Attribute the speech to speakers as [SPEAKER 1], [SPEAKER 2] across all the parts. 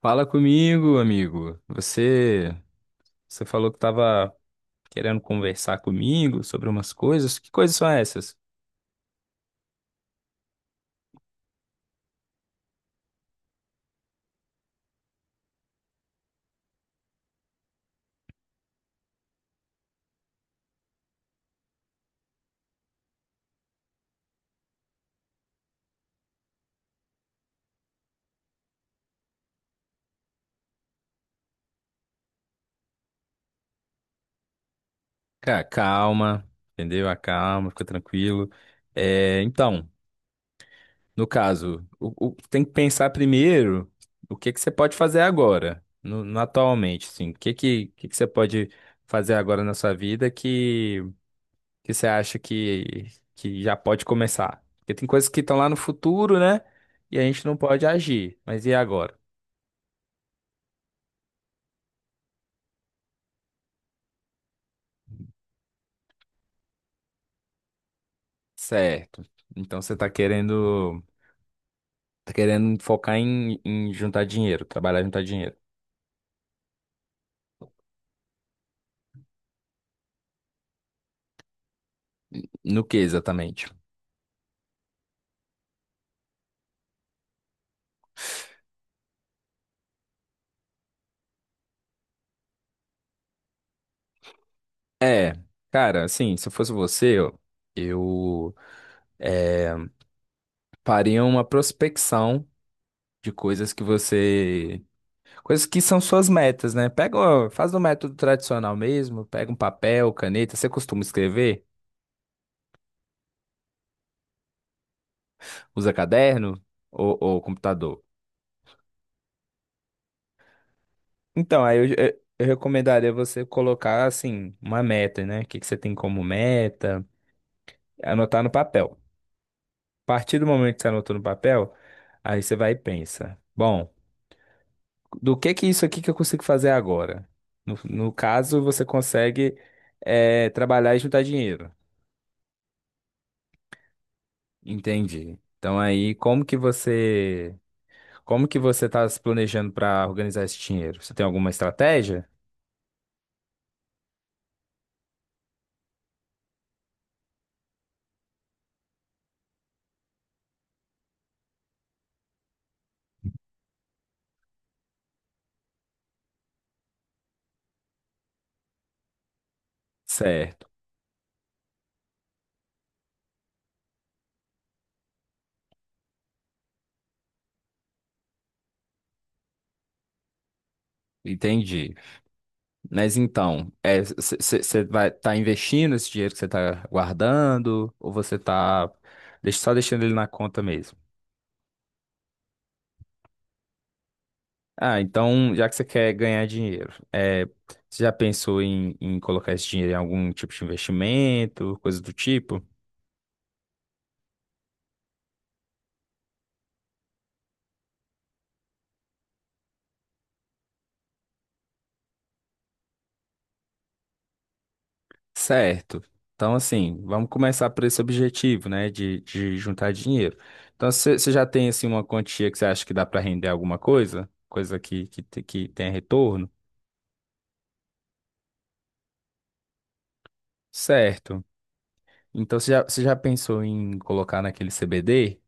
[SPEAKER 1] Fala comigo, amigo. Você falou que estava querendo conversar comigo sobre umas coisas. Que coisas são essas? Cara, calma, entendeu? Acalma, fica tranquilo. É, então, no caso, tem que pensar primeiro o que que você pode fazer agora, atualmente, assim. O que que você pode fazer agora na sua vida que você acha que já pode começar? Porque tem coisas que estão lá no futuro, né? E a gente não pode agir. Mas e agora? Certo. Então você tá querendo focar em juntar dinheiro, trabalhar e juntar dinheiro. No que exatamente? É, cara, assim, se eu fosse você, eu é, faria uma prospecção de coisas que você, coisas que são suas metas, né? Pega, ó, faz o método tradicional mesmo, pega um papel, caneta, você costuma escrever? Usa caderno ou computador? Então, eu recomendaria você colocar, assim, uma meta, né? O que que você tem como meta? Anotar no papel. A partir do momento que você anotou no papel, aí você vai e pensa: bom, do que isso aqui que eu consigo fazer agora? No caso, você consegue trabalhar e juntar dinheiro. Entendi. Então aí, como que você está se planejando para organizar esse dinheiro? Você tem alguma estratégia? Certo. Entendi. Mas então, você vai estar investindo esse dinheiro que você está guardando ou você está só deixando ele na conta mesmo? Ah, então, já que você quer ganhar dinheiro, é, você já pensou em colocar esse dinheiro em algum tipo de investimento, coisa do tipo? Certo. Então, assim, vamos começar por esse objetivo, né, de juntar dinheiro. Então, você já tem, assim, uma quantia que você acha que dá para render alguma coisa? Coisa que tenha retorno? Certo. Então você já pensou em colocar naquele CBD?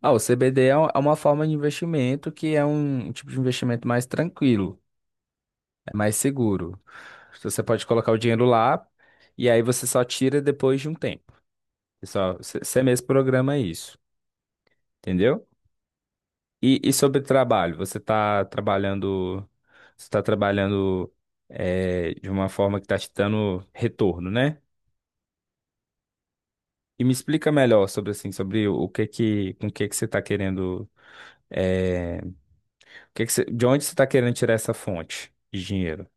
[SPEAKER 1] Ah, o CBD é uma forma de investimento que é um tipo de investimento mais tranquilo, é mais seguro. Então, você pode colocar o dinheiro lá e aí você só tira depois de um tempo. Você só- você você mesmo programa isso, entendeu? E sobre trabalho, você está trabalhando de uma forma que está te dando retorno, né? E me explica melhor sobre assim, sobre o que que, com o que que você está querendo. É, o que que você- de onde você está querendo tirar essa fonte de dinheiro?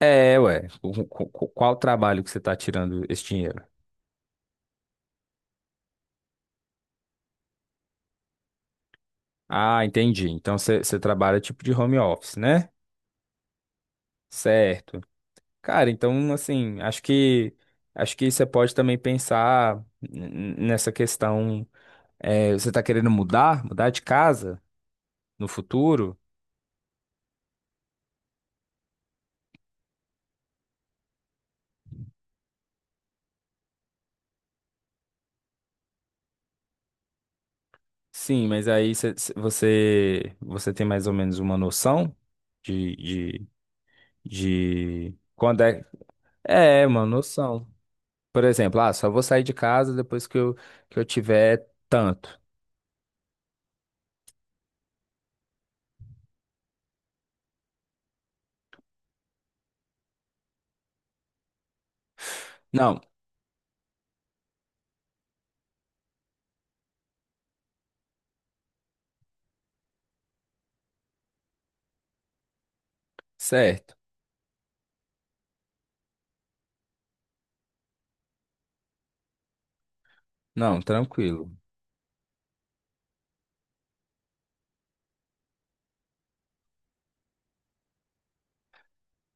[SPEAKER 1] É, ué. Qual trabalho que você está tirando esse dinheiro? Ah, entendi. Então você trabalha tipo de home office, né? Certo. Cara, então assim, acho que você pode também pensar nessa questão. É, você está querendo mudar, mudar de casa no futuro? Sim, mas aí você você tem mais ou menos uma noção de, de, de quando é. É, mano, noção. Por exemplo, ah, só vou sair de casa depois que eu tiver tanto. Não, certo. Não, tranquilo.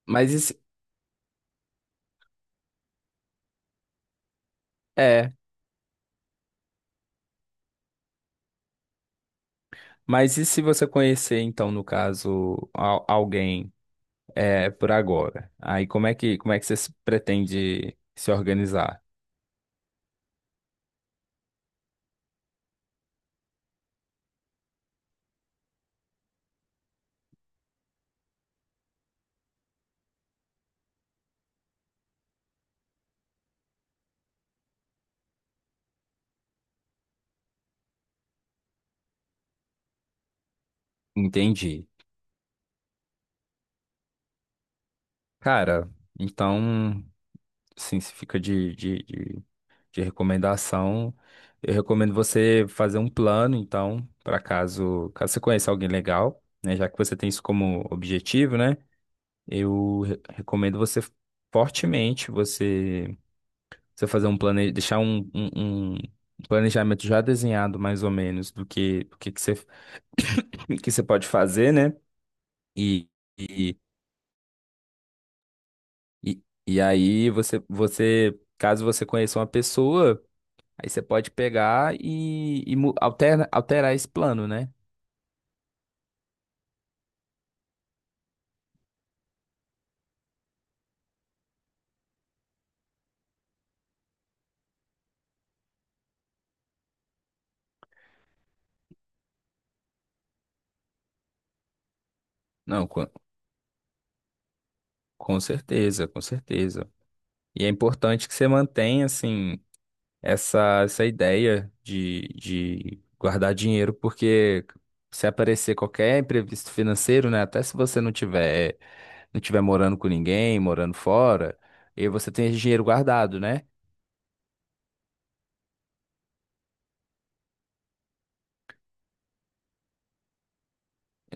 [SPEAKER 1] Mas e se, é, mas e se você conhecer, então, no caso, alguém é, por agora? Aí como é que você se pretende se organizar? Entendi. Cara, então, assim, se fica de recomendação, eu recomendo você fazer um plano, então, para caso, caso você conheça alguém legal, né, já que você tem isso como objetivo, né, recomendo você fortemente você, você fazer um plane, deixar um planejamento já desenhado mais ou menos que você que você pode fazer, né? E, e, e, e aí você caso você conheça uma pessoa. Aí você pode pegar e, alterar esse plano, né? Não, com certeza, com certeza. E é importante que você mantenha, assim, essa ideia de guardar dinheiro, porque se aparecer qualquer imprevisto financeiro, né? Até se você não tiver, não tiver morando com ninguém, morando fora, e você tem esse dinheiro guardado, né?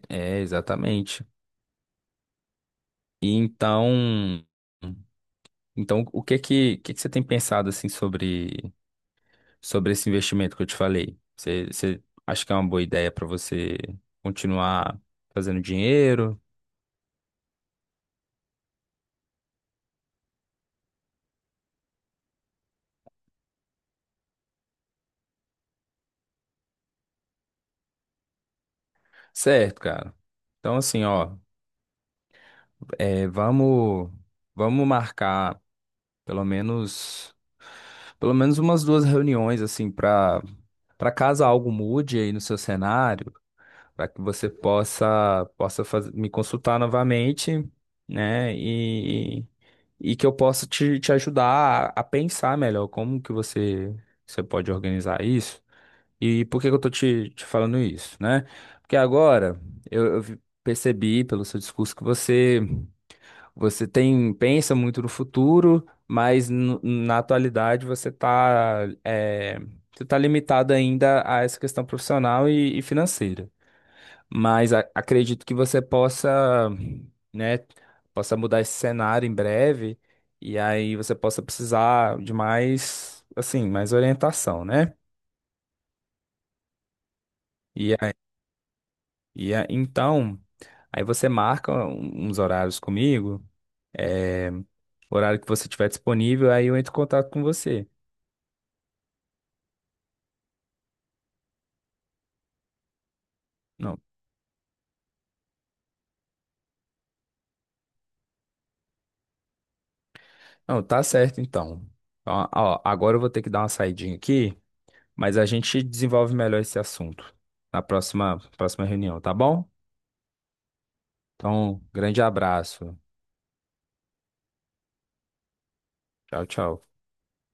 [SPEAKER 1] É, exatamente. E então, então o que que você tem pensado, assim, sobre sobre esse investimento que eu te falei. Você, você acha que é uma boa ideia para você continuar fazendo dinheiro? Certo, cara. Então, assim, ó, é, vamos, vamos marcar pelo menos, pelo menos umas duas reuniões, assim, para para caso algo mude aí no seu cenário. Para que você possa me consultar novamente, né? E que eu possa te, te ajudar a pensar melhor como que você pode organizar isso. E por que que eu tô te, te falando isso, né? Porque agora percebi pelo seu discurso que você tem pensa muito no futuro, mas na atualidade você tá é, você tá limitado ainda a essa questão profissional e financeira. Mas acredito que você possa, né, possa mudar esse cenário em breve e aí você possa precisar de mais, assim, mais orientação, né? E aí, então, aí você marca uns horários comigo, é, o horário que você tiver disponível, aí eu entro em contato com você. Não, não, tá certo então. Ó, ó, agora eu vou ter que dar uma saidinha aqui, mas a gente desenvolve melhor esse assunto na próxima, próxima reunião, tá bom? Então, grande abraço. Tchau, tchau.